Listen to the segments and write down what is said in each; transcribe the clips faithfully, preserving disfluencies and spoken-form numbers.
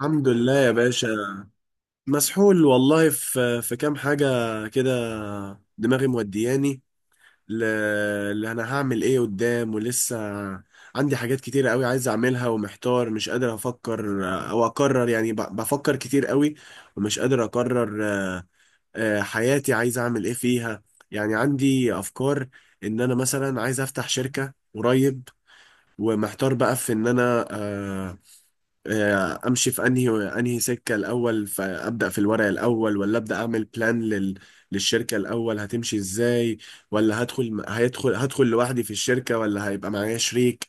الحمد لله يا باشا. مسحول والله في في كام حاجة كده. دماغي مودياني ل- اللي انا هعمل ايه قدام. ولسه عندي حاجات كتيرة قوي عايز اعملها ومحتار، مش قادر افكر او اقرر. يعني ب- بفكر كتير قوي ومش قادر اقرر. آه، حياتي عايز اعمل ايه فيها؟ يعني عندي افكار ان انا مثلا عايز افتح شركة قريب، ومحتار بقى في ان انا آه، آه، امشي في انهي انهي سكه الاول، فابدا في الورق الاول ولا ابدا اعمل بلان لل للشركه الاول هتمشي ازاي، ولا هدخل هيدخل هدخل لوحدي في الشركه ولا هيبقى معايا شريك.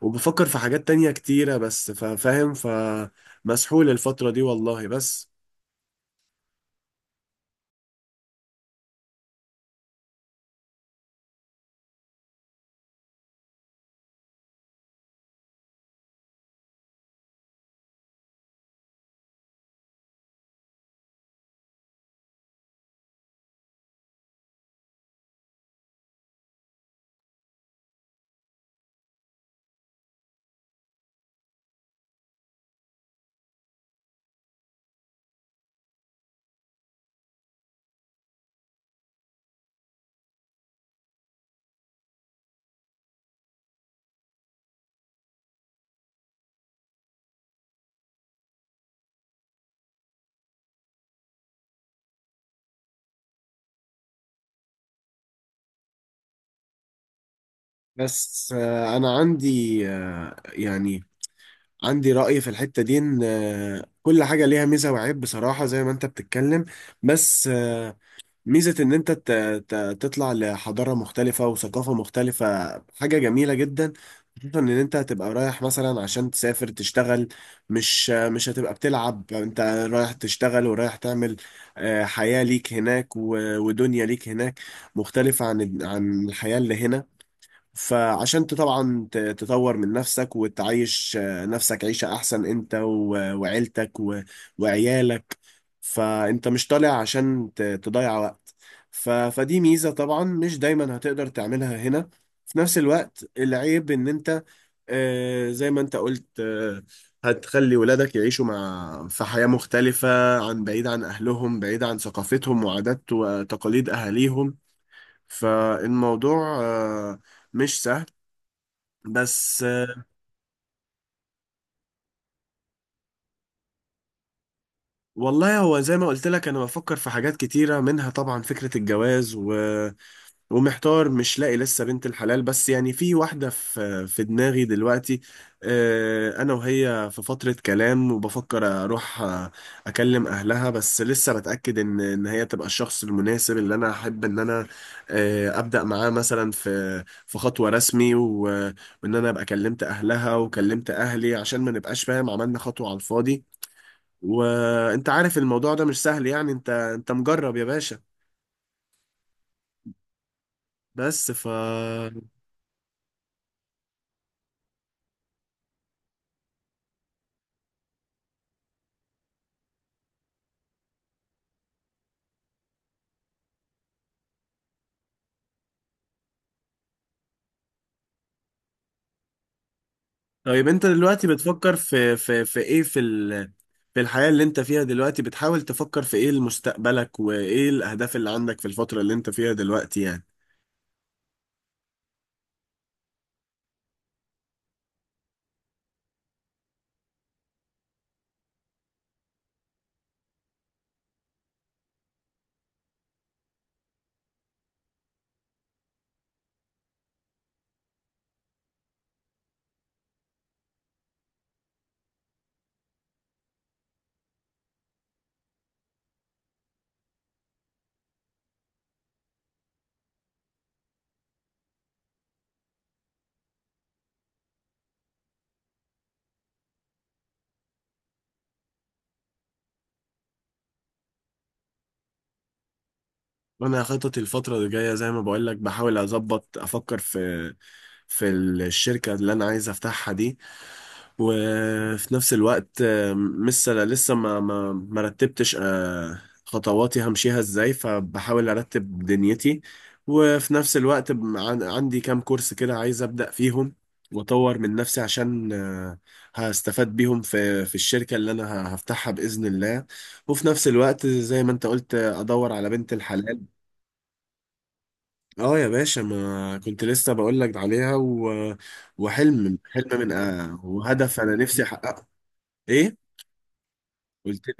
وبفكر في حاجات تانية كتيره، بس فا- فاهم. فمسحول الفتره دي والله، بس بس آه، انا عندي آه، يعني عندي رأي في الحتة دي، ان آه، كل حاجة ليها ميزة وعيب بصراحة، زي ما انت بتتكلم. بس ميزة إن أنت ت- ت- تطلع لحضارة مختلفة وثقافة مختلفة، حاجة جميلة جدا. خصوصا إن أنت هتبقى رايح مثلا عشان تسافر تشتغل، مش مش هتبقى بتلعب أنت، رايح تشتغل ورايح تعمل آه، حياة ليك هناك و- ودنيا ليك هناك، مختلفة عن عن الحياة اللي هنا. فعشان انت طبعا ت- تطور من نفسك وتعيش آه، نفسك عيشة احسن، انت و- وعيلتك و- وعيالك. فانت مش طالع عشان ت- تضيع وقت. ف- فدي ميزة طبعا مش دايما هتقدر تعملها هنا. في نفس الوقت العيب ان انت آه، زي ما انت قلت، آه، هتخلي ولادك يعيشوا مع في حياة مختلفة، عن بعيد عن اهلهم، بعيد عن ثقافتهم وعادات وتقاليد اهاليهم. فالموضوع آه، مش سهل، بس آه، والله هو زي ما قلت لك، انا بفكر في حاجات كتيرة منها طبعا فكرة الجواز و... ومحتار مش لاقي لسه بنت الحلال، بس يعني في واحدة في في دماغي دلوقتي. آه، انا وهي في فترة كلام، وبفكر اروح آه، اكلم اهلها. بس لسه بتأكد ان ان هي تبقى الشخص المناسب اللي انا احب ان انا آه، ابدأ معاه مثلا في في خطوة رسمي و... وان انا ابقى كلمت اهلها وكلمت اهلي عشان ما نبقاش فاهم عملنا خطوة على الفاضي. وانت عارف الموضوع ده مش سهل، يعني انت انت مجرب يا باشا. بس ف طيب انت دلوقتي بتفكر في في في ايه، في ال... في الحياة اللي انت فيها دلوقتي، بتحاول تفكر في ايه لمستقبلك، وايه الاهداف اللي عندك في الفترة اللي انت فيها دلوقتي يعني؟ وانا خططي الفترة اللي جاية زي ما بقول لك، بحاول اظبط افكر في في الشركة اللي انا عايز افتحها دي. وفي نفس الوقت آم، لسه لسه ما ما ما رتبتش آه، خطواتي همشيها ازاي، فبحاول ارتب دنيتي. وفي نفس الوقت ب- عن- عندي كام كورس كده عايز ابدا فيهم واطور من نفسي، عشان آه، هستفاد بيهم في في الشركة اللي انا ه- هفتحها باذن الله. وفي نفس الوقت زي ما انت قلت آه، ادور على بنت الحلال. اه يا باشا، ما كنت لسه بقول لك عليها و- وحلم حلم من آه، وهدف انا نفسي احققه. ايه قلت لي؟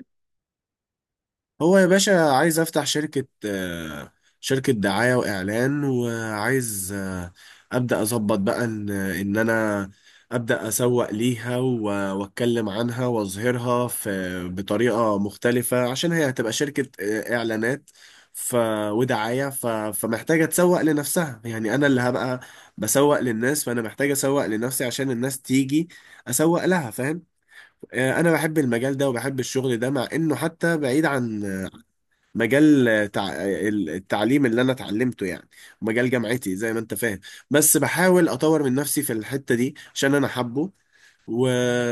هو يا باشا عايز افتح شركة، آه، شركة دعاية واعلان، وعايز آه، ابدا اظبط بقى ان ان انا ابدا اسوق ليها و- واتكلم عنها واظهرها في بطريقة مختلفة، عشان هي هتبقى شركة آه، اعلانات ف ودعاية ف... فمحتاجة تسوق لنفسها. يعني انا اللي هبقى بسوق للناس، فانا محتاج اسوق لنفسي عشان الناس تيجي اسوق لها، فاهم؟ آه، انا بحب المجال ده وبحب الشغل ده، مع انه حتى بعيد عن مجال تع- التعليم اللي انا اتعلمته، يعني مجال جامعتي زي ما انت فاهم. بس بحاول اطور من نفسي في الحتة دي عشان انا حابه. و...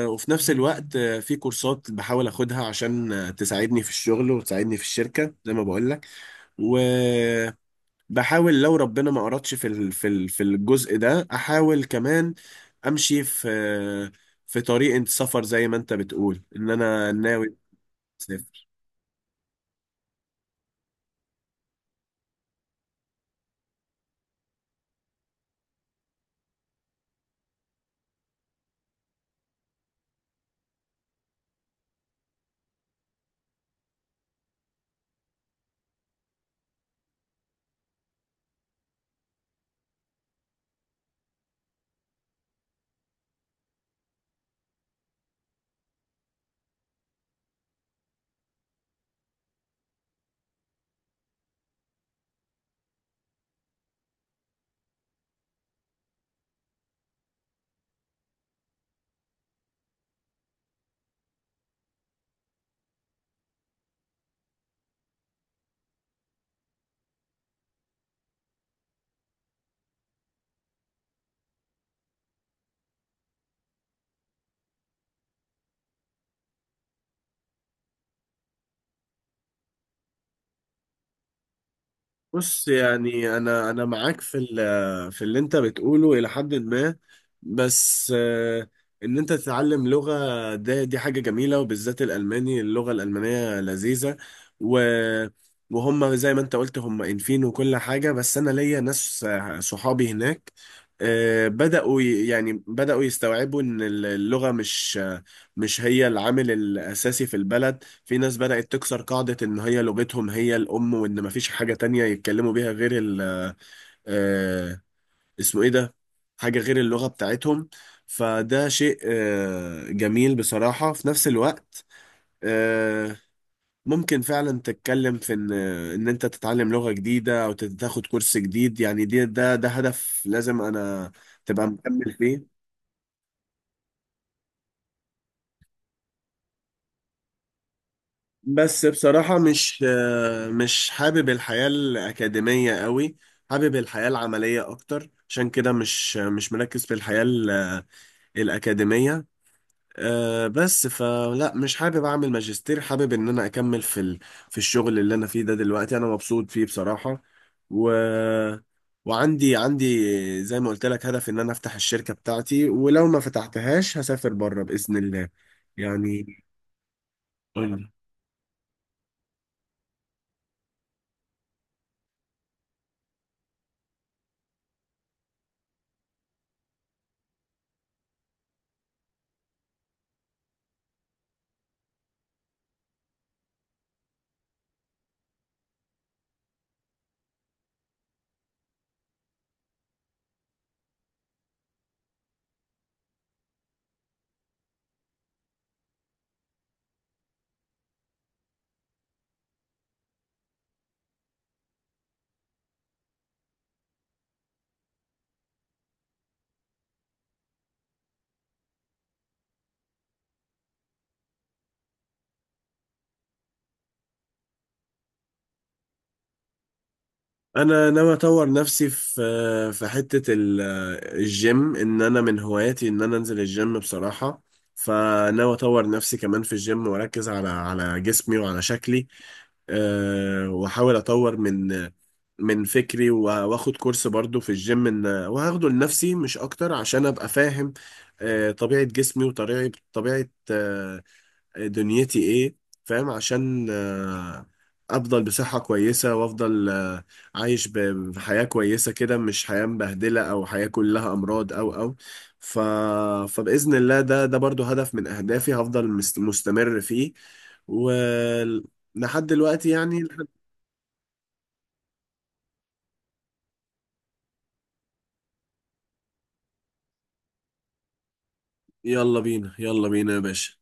وفي نفس الوقت في كورسات بحاول اخدها عشان تساعدني في الشغل وتساعدني في الشركة زي ما بقول لك. و... بحاول لو ربنا ما أردش في ال- في ال- في الجزء ده، أحاول كمان أمشي في في طريق السفر زي ما أنت بتقول إن أنا ناوي أسافر. بص يعني انا انا معاك في ال- في اللي انت بتقوله الى حد ما. بس آه، ان انت تتعلم لغة ده، دي حاجة جميلة، وبالذات الالماني، اللغة الالمانية لذيذة. و وهم زي ما انت قلت هم انفين وكل حاجة، بس انا ليا ناس آه، صحابي هناك آه، بدأوا ي- يعني بدأوا يستوعبوا ان اللغة مش آه، مش هي العامل الاساسي في البلد. في ناس بدأت تكسر قاعدة إن هي لغتهم هي الأم، وإن مفيش حاجة تانية يتكلموا بيها غير ال آه اسمه إيه ده؟ حاجة غير اللغة بتاعتهم. فده شيء آه جميل بصراحة. في نفس الوقت آه ممكن فعلا تتكلم في إن إن أنت تتعلم لغة جديدة أو تاخد كورس جديد. يعني دي ده ده هدف لازم أنا تبقى مكمل فيه. بس بصراحة مش آه، مش حابب الحياة الأكاديمية قوي، حابب الحياة العملية أكتر، عشان كده مش مش مركز في الحياة ال- الأكاديمية. آه، بس فلا مش حابب أعمل ماجستير، حابب إن أنا أكمل في ال- في الشغل اللي أنا فيه ده. دلوقتي أنا مبسوط فيه بصراحة. و وعندي عندي زي ما قلت لك هدف إن أنا أفتح الشركة بتاعتي، ولو ما فتحتهاش هسافر بره بإذن الله يعني. انا ناوي اطور نفسي في في حته ال- الجيم، ان انا من هواياتي ان انا انزل الجيم بصراحه. فناوي اطور نفسي كمان في الجيم، واركز على على جسمي وعلى شكلي. أه، واحاول اطور من من فكري و- واخد كورس برضو في الجيم، ان وهاخده لنفسي مش اكتر عشان ابقى فاهم أه طبيعه جسمي وطبيعه طبيعه آه، دنيتي ايه، فاهم؟ عشان آه، افضل بصحة كويسة وافضل آه، عايش ب- بحياة كويسة كده، مش حياة مبهدلة او حياة كلها امراض او او ف... فبإذن الله ده ده برضو هدف من اهدافي، هفضل مست- مستمر فيه ولحد دلوقتي يعني لحد- يلا بينا، يلا بينا يا باشا.